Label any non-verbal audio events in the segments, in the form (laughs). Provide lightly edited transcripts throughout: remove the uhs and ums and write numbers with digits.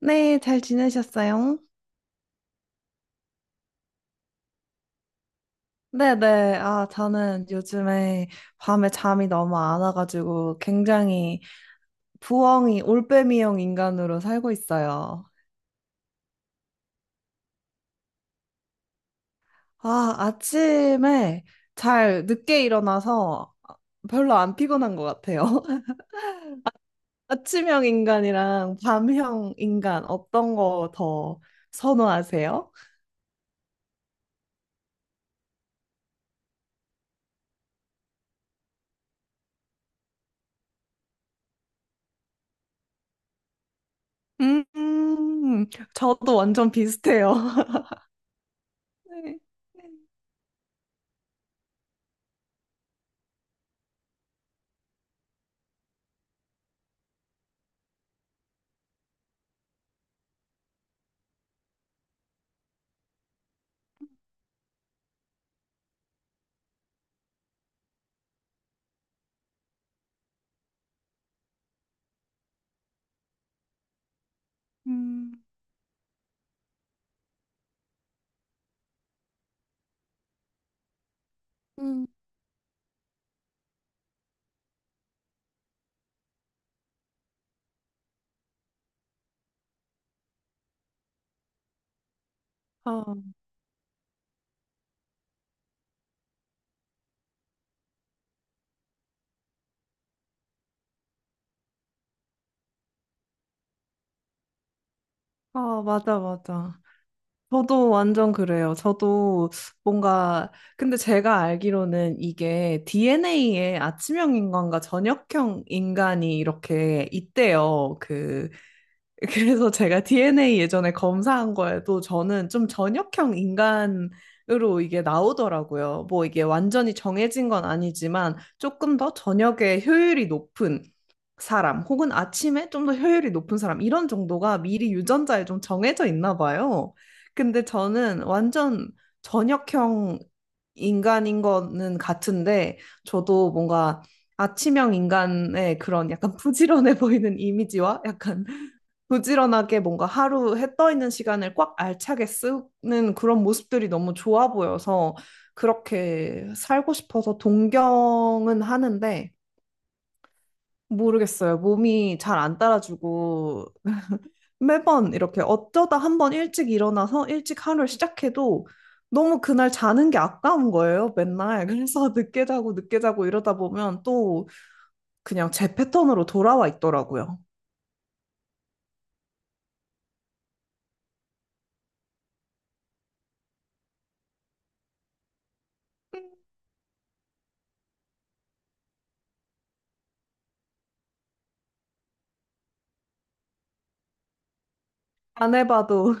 네, 잘 지내셨어요? 네네. 아, 저는 요즘에 밤에 잠이 너무 안 와가지고 굉장히 부엉이, 올빼미형 인간으로 살고 있어요. 아, 아침에 잘 늦게 일어나서 별로 안 피곤한 것 같아요. (laughs) 아침형 인간이랑 밤형 인간 어떤 거 더 선호하세요? 음, 음, 저도 완전 비슷해요. (laughs) 네. 음. 음, 음. 아, 맞아, 맞아. 저도 완전 그래요. 저도 뭔가, 근데 제가 알기로는 이게 DNA에 아침형 인간과 저녁형 인간이 이렇게 있대요. (laughs) 그래서 제가 DNA 예전에 검사한 거에도 저는 좀 저녁형 인간으로 이게 나오더라고요. 뭐 이게 완전히 정해진 건 아니지만 조금 더 저녁에 효율이 높은 사람 혹은 아침에 좀 더 효율이 높은 사람 이런 정도가 미리 유전자에 좀 정해져 있나 봐요. 근데 저는 완전 저녁형 인간인 거는 같은데 저도 뭔가 아침형 인간의 그런 약간 부지런해 (laughs) 보이는 이미지와 약간 부지런하게 뭔가 하루 해 떠 있는 시간을 꽉 알차게 쓰는 그런 모습들이 너무 좋아 보여서 그렇게 살고 싶어서 동경은 하는데 모르겠어요. 몸이 잘 안 따라주고 매번 이렇게 어쩌다 한번 일찍 일어나서 일찍 하루를 시작해도 너무 그날 자는 게 아까운 거예요, 맨날. 그래서 (laughs) 늦게 자고 늦게 자고 이러다 보면 또 그냥 제 패턴으로 돌아와 있더라고요. 안 해봐도.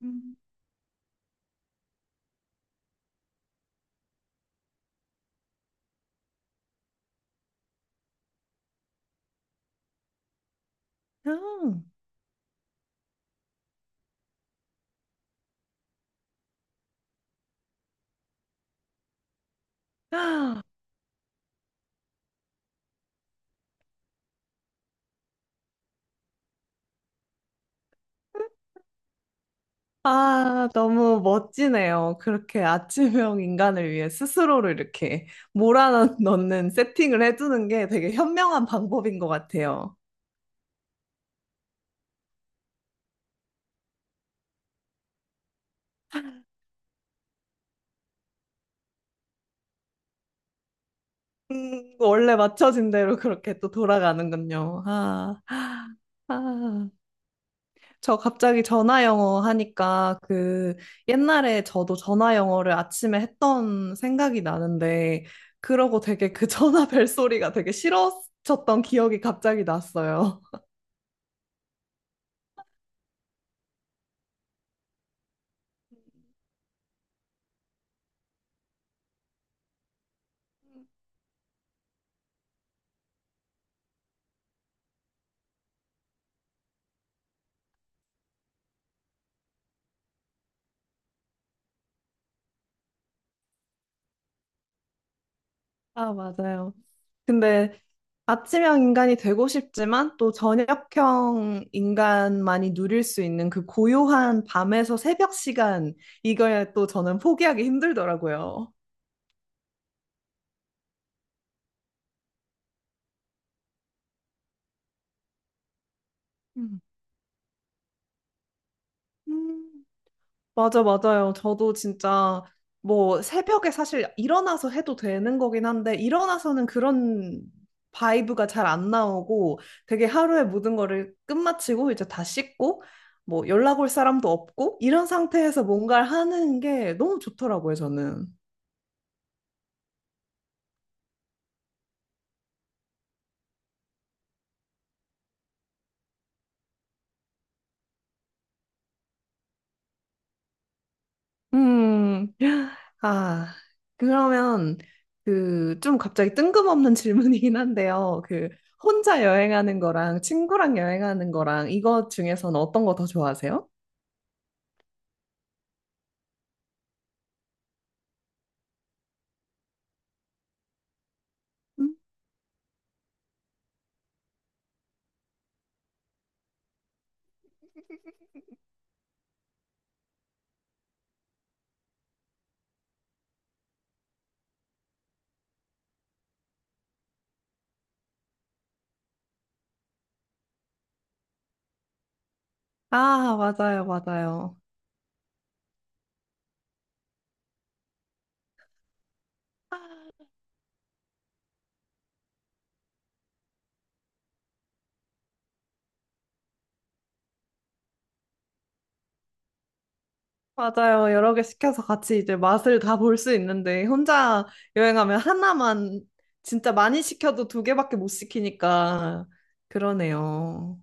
(laughs) 음. 아, 아, 너무 멋지네요. 그렇게 아침형 인간을 위해 스스로를 이렇게 몰아넣는 세팅을 해두는 게 되게 현명한 방법인 것 같아요. 원래 맞춰진 대로 그렇게 또 돌아가는군요. 아, 아. 저 갑자기 전화 영어 하니까 옛날에 저도 전화 영어를 아침에 했던 생각이 나는데 그러고 되게 그 전화 벨 소리가 되게 싫어졌던 기억이 갑자기 났어요. 아, 맞아요. 근데 아침형 인간이 되고 싶지만 또 저녁형 인간만이 누릴 수 있는 그 고요한 밤에서 새벽 시간, 이걸 또 저는 포기하기 힘들더라고요. 음. 음. 맞아, 맞아요. 저도 진짜 뭐 새벽에 사실 일어나서 해도 되는 거긴 한데, 일어나서는 그런 바이브가 잘 안 나오고, 되게 하루의 모든 거를 끝마치고, 이제 다 씻고, 뭐 연락 올 사람도 없고, 이런 상태에서 뭔가를 하는 게 너무 좋더라고요, 저는. 음, 아, 그러면 그 좀 갑자기 뜬금없는 (laughs) 질문이긴 한데요. 그 혼자 여행하는 거랑 친구랑 여행하는 거랑 이거 중에서는 어떤 거 더 좋아하세요? 음? 아, 맞아요, 맞아요. 맞아요. 여러 개 시켜서 같이 이제 맛을 다 볼 수 있는데 혼자 여행하면 하나만 진짜 많이 시켜도 두 개밖에 못 시키니까 그러네요.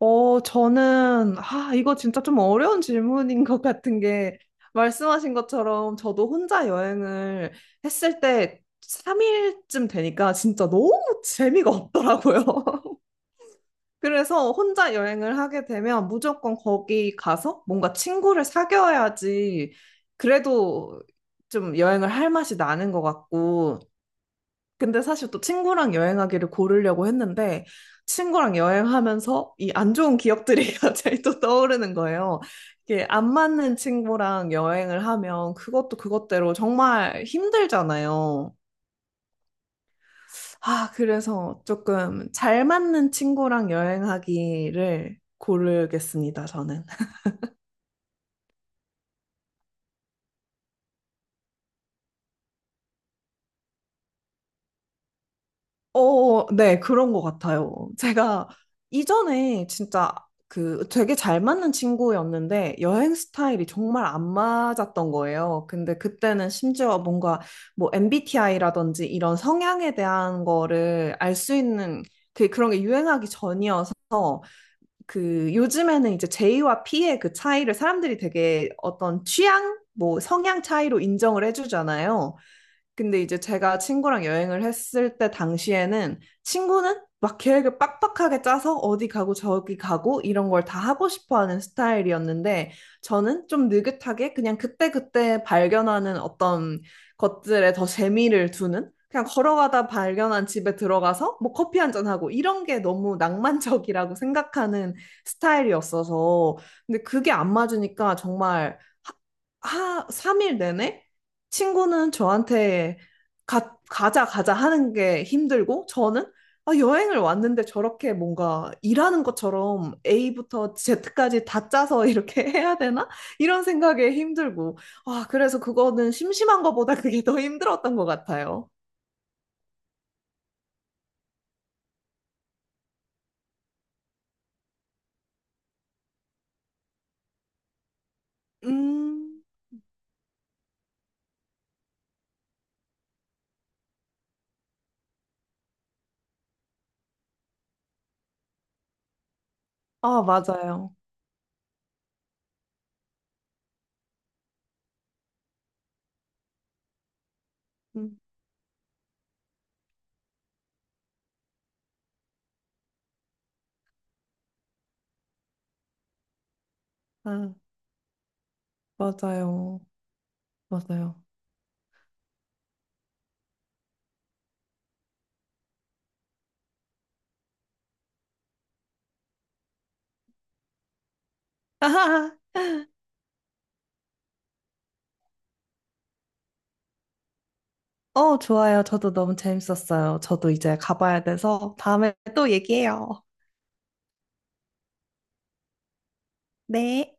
어, 저는, 아, 이거 진짜 좀 어려운 질문인 것 같은 게, 말씀하신 것처럼 저도 혼자 여행을 했을 때 3일쯤 되니까 진짜 너무 재미가 없더라고요. (laughs) 그래서 혼자 여행을 하게 되면 무조건 거기 가서 뭔가 친구를 사귀어야지 그래도 좀 여행을 할 맛이 나는 것 같고, 근데 사실 또 친구랑 여행하기를 고르려고 했는데 친구랑 여행하면서 이 안 좋은 기억들이 (laughs) 갑자기 또 떠오르는 거예요. 이게 안 맞는 친구랑 여행을 하면 그것도 그것대로 정말 힘들잖아요. 아, 그래서 조금 잘 맞는 친구랑 여행하기를 고르겠습니다, 저는. 어, 네, 그런 것 같아요. 제가 이전에 진짜 그 되게 잘 맞는 친구였는데 여행 스타일이 정말 안 맞았던 거예요. 근데 그때는 심지어 뭔가 뭐 MBTI라든지 이런 성향에 대한 거를 알 수 있는 그런 게 유행하기 전이어서 그 요즘에는 이제 J와 P의 그 차이를 사람들이 되게 어떤 취향, 뭐 성향 차이로 인정을 해주잖아요. 근데 이제 제가 친구랑 여행을 했을 때 당시에는 친구는 막 계획을 빡빡하게 짜서 어디 가고 저기 가고 이런 걸 다 하고 싶어 하는 스타일이었는데 저는 좀 느긋하게 그냥 그때그때 발견하는 어떤 것들에 더 재미를 두는 그냥 걸어가다 발견한 집에 들어가서 뭐 커피 한 잔하고 이런 게 너무 낭만적이라고 생각하는 스타일이었어서 근데 그게 안 맞으니까 정말 하, 3일 내내 친구는 저한테 가, 가자, 가자 하는 게 힘들고, 저는 아, 여행을 왔는데 저렇게 뭔가 일하는 것처럼 A부터 Z까지 다 짜서 이렇게 (laughs) 해야 되나? 이런 생각에 힘들고. 아, 그래서 그거는 심심한 것보다 그게 더 힘들었던 것 같아요. 음, 아, 맞아요. 음, 아, 맞아요. 맞아요. (laughs) 어, 좋아요. 저도 너무 재밌었어요. 저도 이제 가봐야 돼서 다음에 또 얘기해요. 네.